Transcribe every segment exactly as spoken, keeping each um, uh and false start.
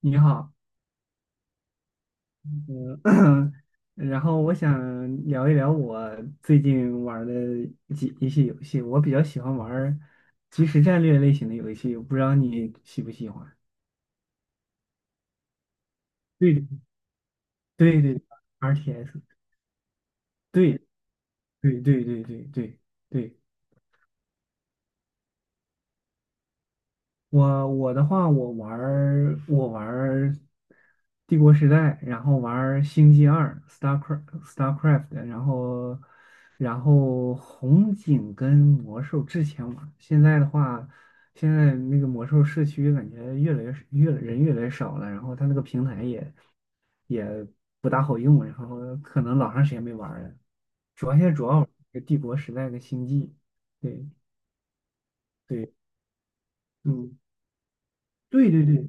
你好，嗯，然后我想聊一聊我最近玩儿的几一些游戏。我比较喜欢玩儿即时战略类型的游戏，我不知道你喜不喜欢？对对对，R T S，对对对对对对对。我我的话，我玩儿我玩儿《帝国时代》，然后玩儿《星际二》（Starcraft）、Starcraft，然后然后红警跟魔兽之前玩儿，现在的话，现在那个魔兽社区感觉越来越越人越来越少了，然后它那个平台也也不大好用，然后可能老长时间没玩儿了，主要现在主要玩儿《帝国时代》跟《星际》，对对，嗯，对对对。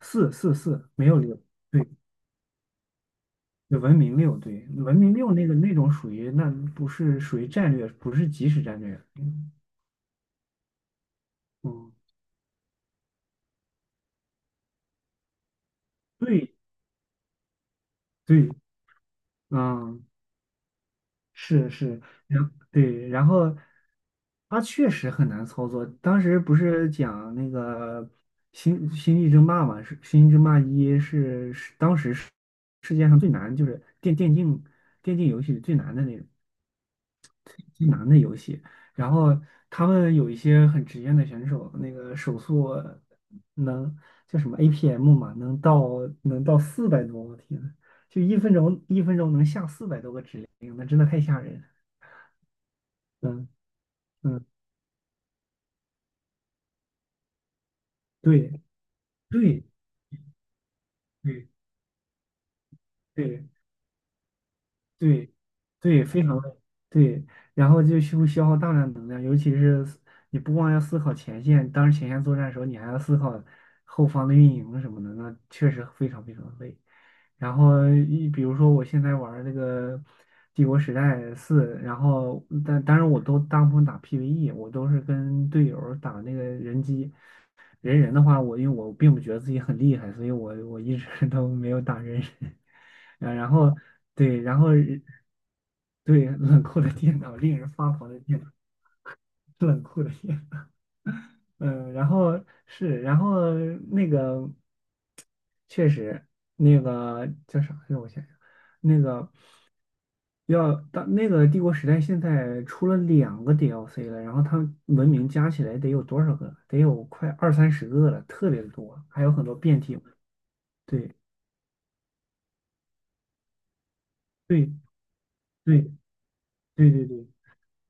四四四没有六，对，对文明六，对，文明六那个那种属于，那不是属于战略，不是即时战略。嗯，嗯对对，嗯，是是，然对，然后它确实很难操作。当时不是讲那个星《星际争霸》嘛，是《星际争霸一》，是是当时世世界上最难，就是电电竞电竞游戏里最难的那种。最难的游戏。然后他们有一些很职业的选手，那个手速能叫什么 A P M 嘛，能到能到四百多，我天呐，就一分钟一分钟能下四百多个指令，那真的太吓人了。嗯嗯，对对对对，对，对，非常累，对，然后就需消耗大量能量，尤其是思你不光要思考前线，当前线作战的时候，你还要思考后方的运营什么的，那确实非常非常累。然后一比如说我现在玩儿那个《帝国时代四》，然后但当然我都大部分打 P V E，我都是跟队友儿打那个人机，人人的话，我因为我并不觉得自己很厉害，所以我我一直 都没有打人人。啊，然后对，然后对冷酷的电脑，令人发狂的电脑，冷酷的电脑。嗯，然后是，然后那个确实，那个叫啥来着？我想想，那个。要到那个帝国时代，现在出了两个 D L C 了，然后它文明加起来得有多少个？得有快二三十个了，特别的多，还有很多变体。对对对对对对，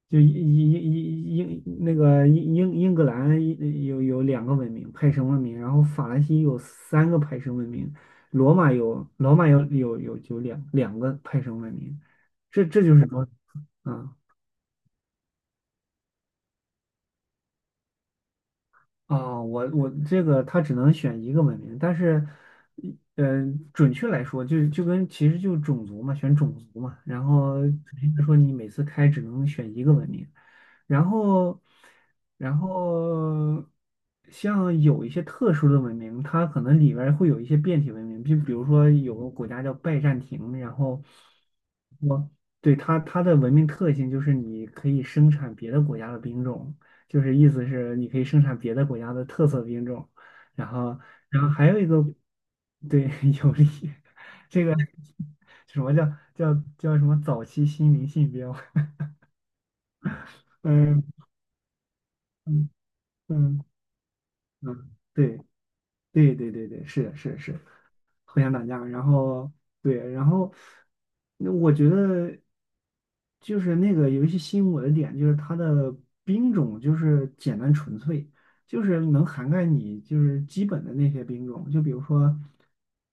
就英英英英英那个英英英格兰一有有两个文明派生文明，然后法兰西有三个派生文明，罗马有罗马有有有有两两个派生文明，这这就是说，啊、啊，我我这个他只能选一个文明，但是，呃，准确来说，就是就跟，其实就是种族嘛，选种族嘛。然后准确说，你每次开只能选一个文明，然后，然后像有一些特殊的文明，它可能里边儿会有一些变体文明，就比如说有个国家叫拜占庭，然后我对它它的文明特性就是你可以生产别的国家的兵种。就是意思是你可以生产别的国家的特色兵种，然后，然后还有一个，对，有利，这个什么叫叫叫什么早期新灵信标？嗯嗯嗯嗯，对对对对对，是的，是的，是的。互相打架，然后对，然后那我觉得就是那个游戏吸引我的点就是它的兵种就是简单纯粹，就是能涵盖你就是基本的那些兵种，就比如说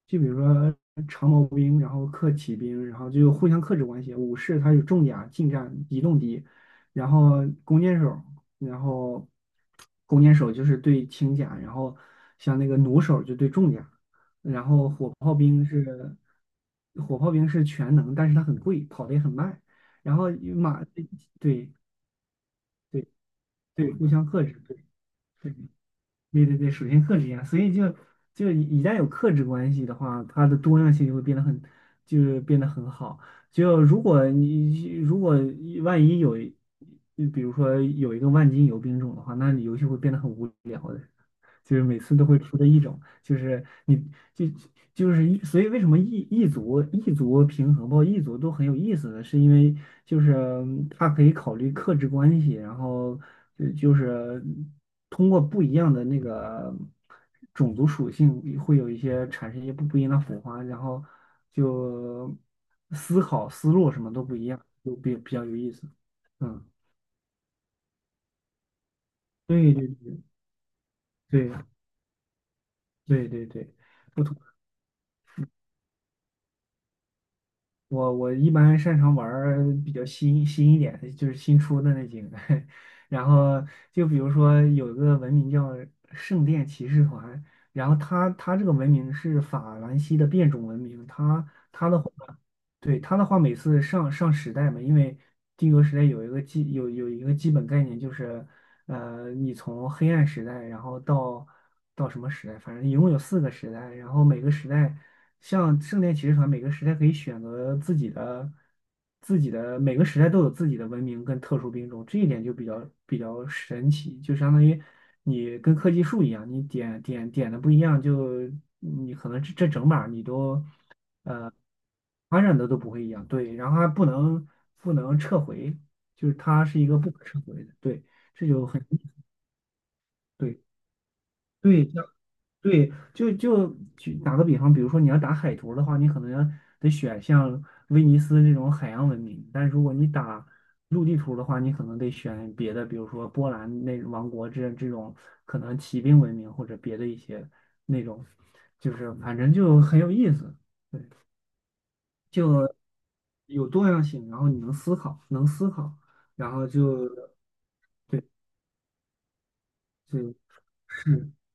就比如说长矛兵，然后克骑兵，然后就互相克制关系，武士他有重甲、近战、移动敌，然后弓箭手，然后弓箭手，就是对轻甲，然后像那个弩手就对重甲。然后火炮兵是火炮兵是全能，但是它很贵，跑得也很慢。然后与马，对对对，互相克制，对对对对对，属性克制一样。所以就就一旦有克制关系的话，它的多样性就会变得很，就是变得很好。就如果你如果万一有一，比如说有一个万金油兵种的话，那你游戏会变得很无聊的。就是每次都会出的一种，就是你就就是一，所以为什么异异族异族平衡包括异族都很有意思呢？是因为就是它可以考虑克制关系，然后就就是通过不一样的那个种族属性会有一些产生一些不不一样的火花，然后就思考思路什么都不一样，就比比较有意思。嗯，对对对对对对对。同。我我一般擅长玩儿比较新新一点的，就是新出的那几个。然后就比如说有一个文明叫圣殿骑士团，然后它它这个文明是法兰西的变种文明，它它的话对他的话，每次上上时代嘛，因为帝国时代有一个基有有一个基本概念，就是呃，你从黑暗时代，然后到到什么时代，反正一共有四个时代，然后每个时代，像圣殿骑士团，每个时代可以选择自己的自己的每个时代都有自己的文明跟特殊兵种，这一点就比较比较神奇，就相当于你跟科技树一样，你点点点的不一样，就你可能这这整把你都。传染的都不会一样，对，然后还不能不能撤回，就是它是一个不可撤回的，对，这就很对对，像对，就就举打个比方，比如说你要打海图的话，你可能要得选像威尼斯这种海洋文明，但是如果你打陆地图的话，你可能得选别的，比如说波兰那王国这这种可能骑兵文明或者别的一些那种，就是反正就很有意思，有多样性，然后你能思考，能思考，然后就对，就是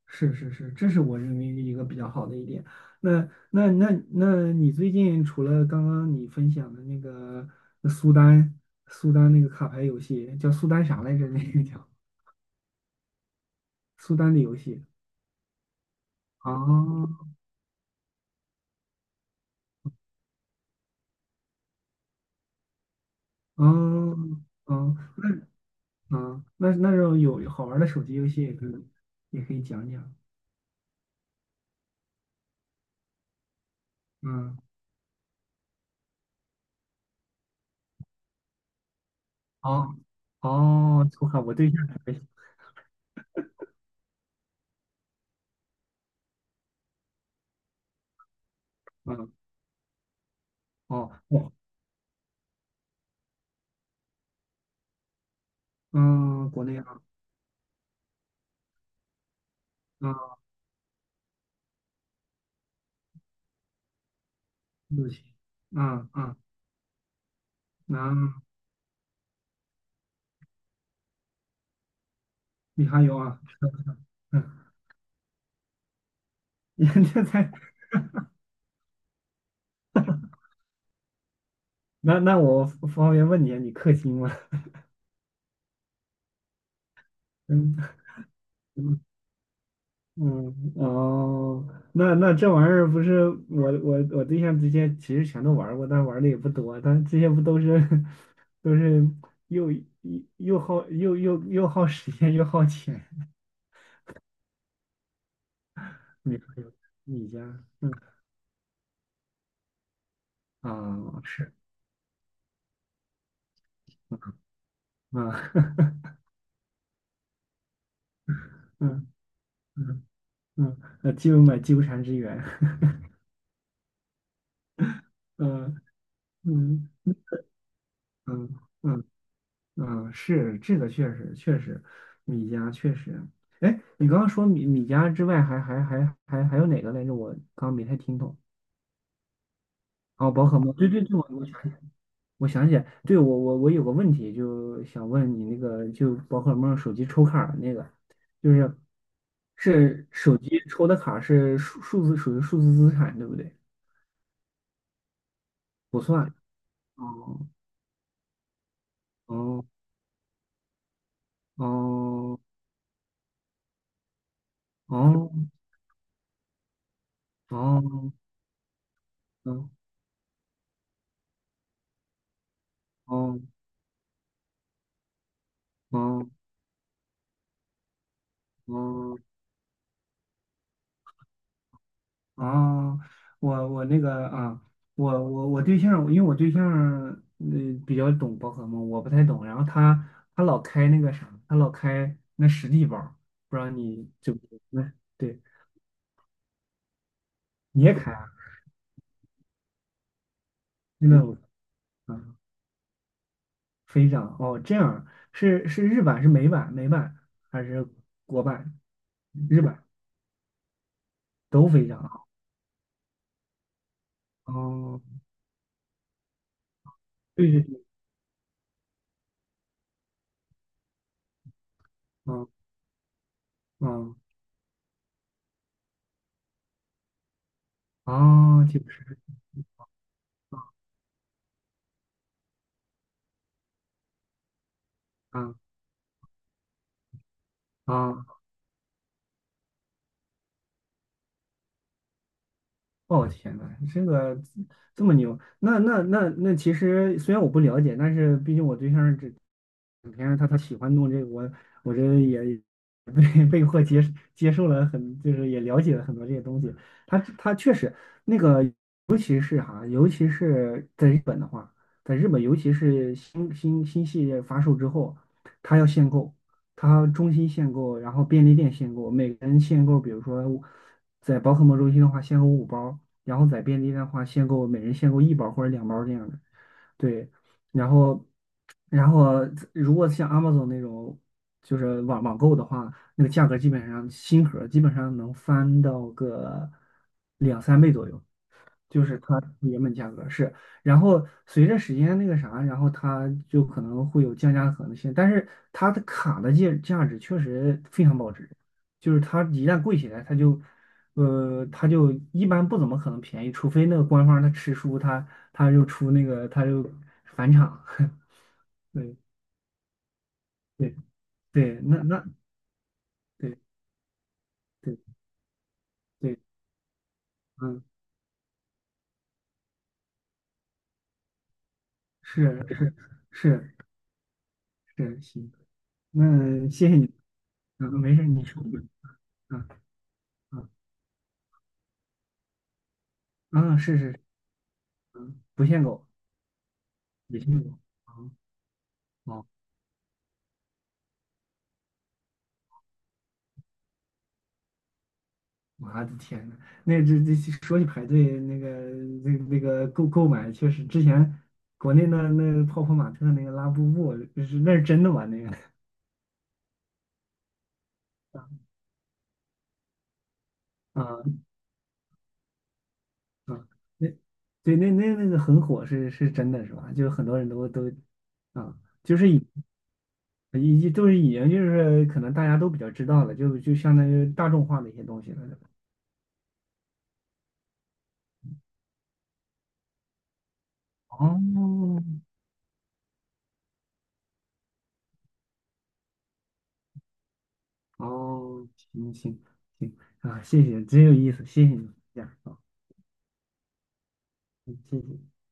是是是，这是我认为一个比较好的一点。那那那那你最近除了刚刚你分享的那个苏丹苏丹那个卡牌游戏，叫苏丹啥来着？那个叫苏丹的游戏，啊哦哦哦，那那种有好玩的手机游戏也可以也可以讲讲，嗯，好，哦，我靠，我对象还没，嗯。哦哦，嗯，国内啊，嗯，不行，啊，啊，那，你还有啊，嗯，你这才，那那我方便问你啊，你氪金吗？嗯嗯嗯哦，那那这玩意儿不是，我我我对象之前其实全都玩过，但玩的也不多，但这些不都是 都是，又又耗又又又耗时间又耗钱，你你家，嗯啊是啊 嗯。嗯嗯，呃，就买纠缠之源，嗯嗯嗯嗯嗯，是这个确实确实，米家确实，哎，你刚刚说米米家之外，还，还还还还还有哪个来着？我刚刚没太听懂。哦，宝可梦，对对对，我我想起来，我想起来对，我我我有个问题，就想问你那个，就宝可梦手机抽卡儿那个，就是是手机抽的卡是数数字属于数字资产，对不对？不算。哦哦哦。哦哦哦哦哦哦哦，哦我我那个啊，我我我对象，因为我对象嗯、呃比较懂宝可梦，我不太懂，然后他他老开那个啥，他老开那实地包，不知道你就，那对，你也开啊？那个，我啊，飞涨哦，这样是是日版是美版美版还是国版？日版都飞涨啊？哦，对对对，嗯嗯。哦哦，这不是啊啊哦天呐，这个这么牛，那那那那其实虽然我不了解，但是毕竟我对象这平时他他喜欢弄这个，我我这也被被迫接接受了很，就是也了解了很多这些东西。他他确实那个，尤其是哈，尤其是在日本的话，在日本尤其是新新新系列发售之后，他要限购，他中心限购，然后便利店限购，每个人限购，比如说在宝可梦中心的话，限购五包。然后在便利店的话，限购每人限购一包或者两包这样的。对，然后，然后如果像 Amazon 那种就是网网购的话，那个价格基本上新盒儿基本上能翻到个两三倍左右，就是它原本价格是。然后随着时间那个啥，然后它就可能会有降价的可能性，但是它的卡的价价值确实非常保值，就是它一旦贵起来，它就。呃，它就一般不怎么可能便宜，除非那个官方它吃书，它。他又出那个，他又返场，对对对，那那对对对，嗯，是是是，行，那谢谢你，嗯，没事，你说，嗯嗯嗯，是是，嗯，不限购，也限购，哦哦，我的天呐，那这这说起排队，那个那那个购购买，确实之前国内那那泡泡玛特那个拉布布，就是那是真的吗？那个啊。啊啊，那对那那那个很火是，是真的是吧？就很多人都都啊，就是已已经都是已经就是可能大家都比较知道了，就就相当于大众化的一些东西了，对吧？哦，哦，行行行啊，谢谢，真有意思，谢谢你这样啊，嗯谢谢。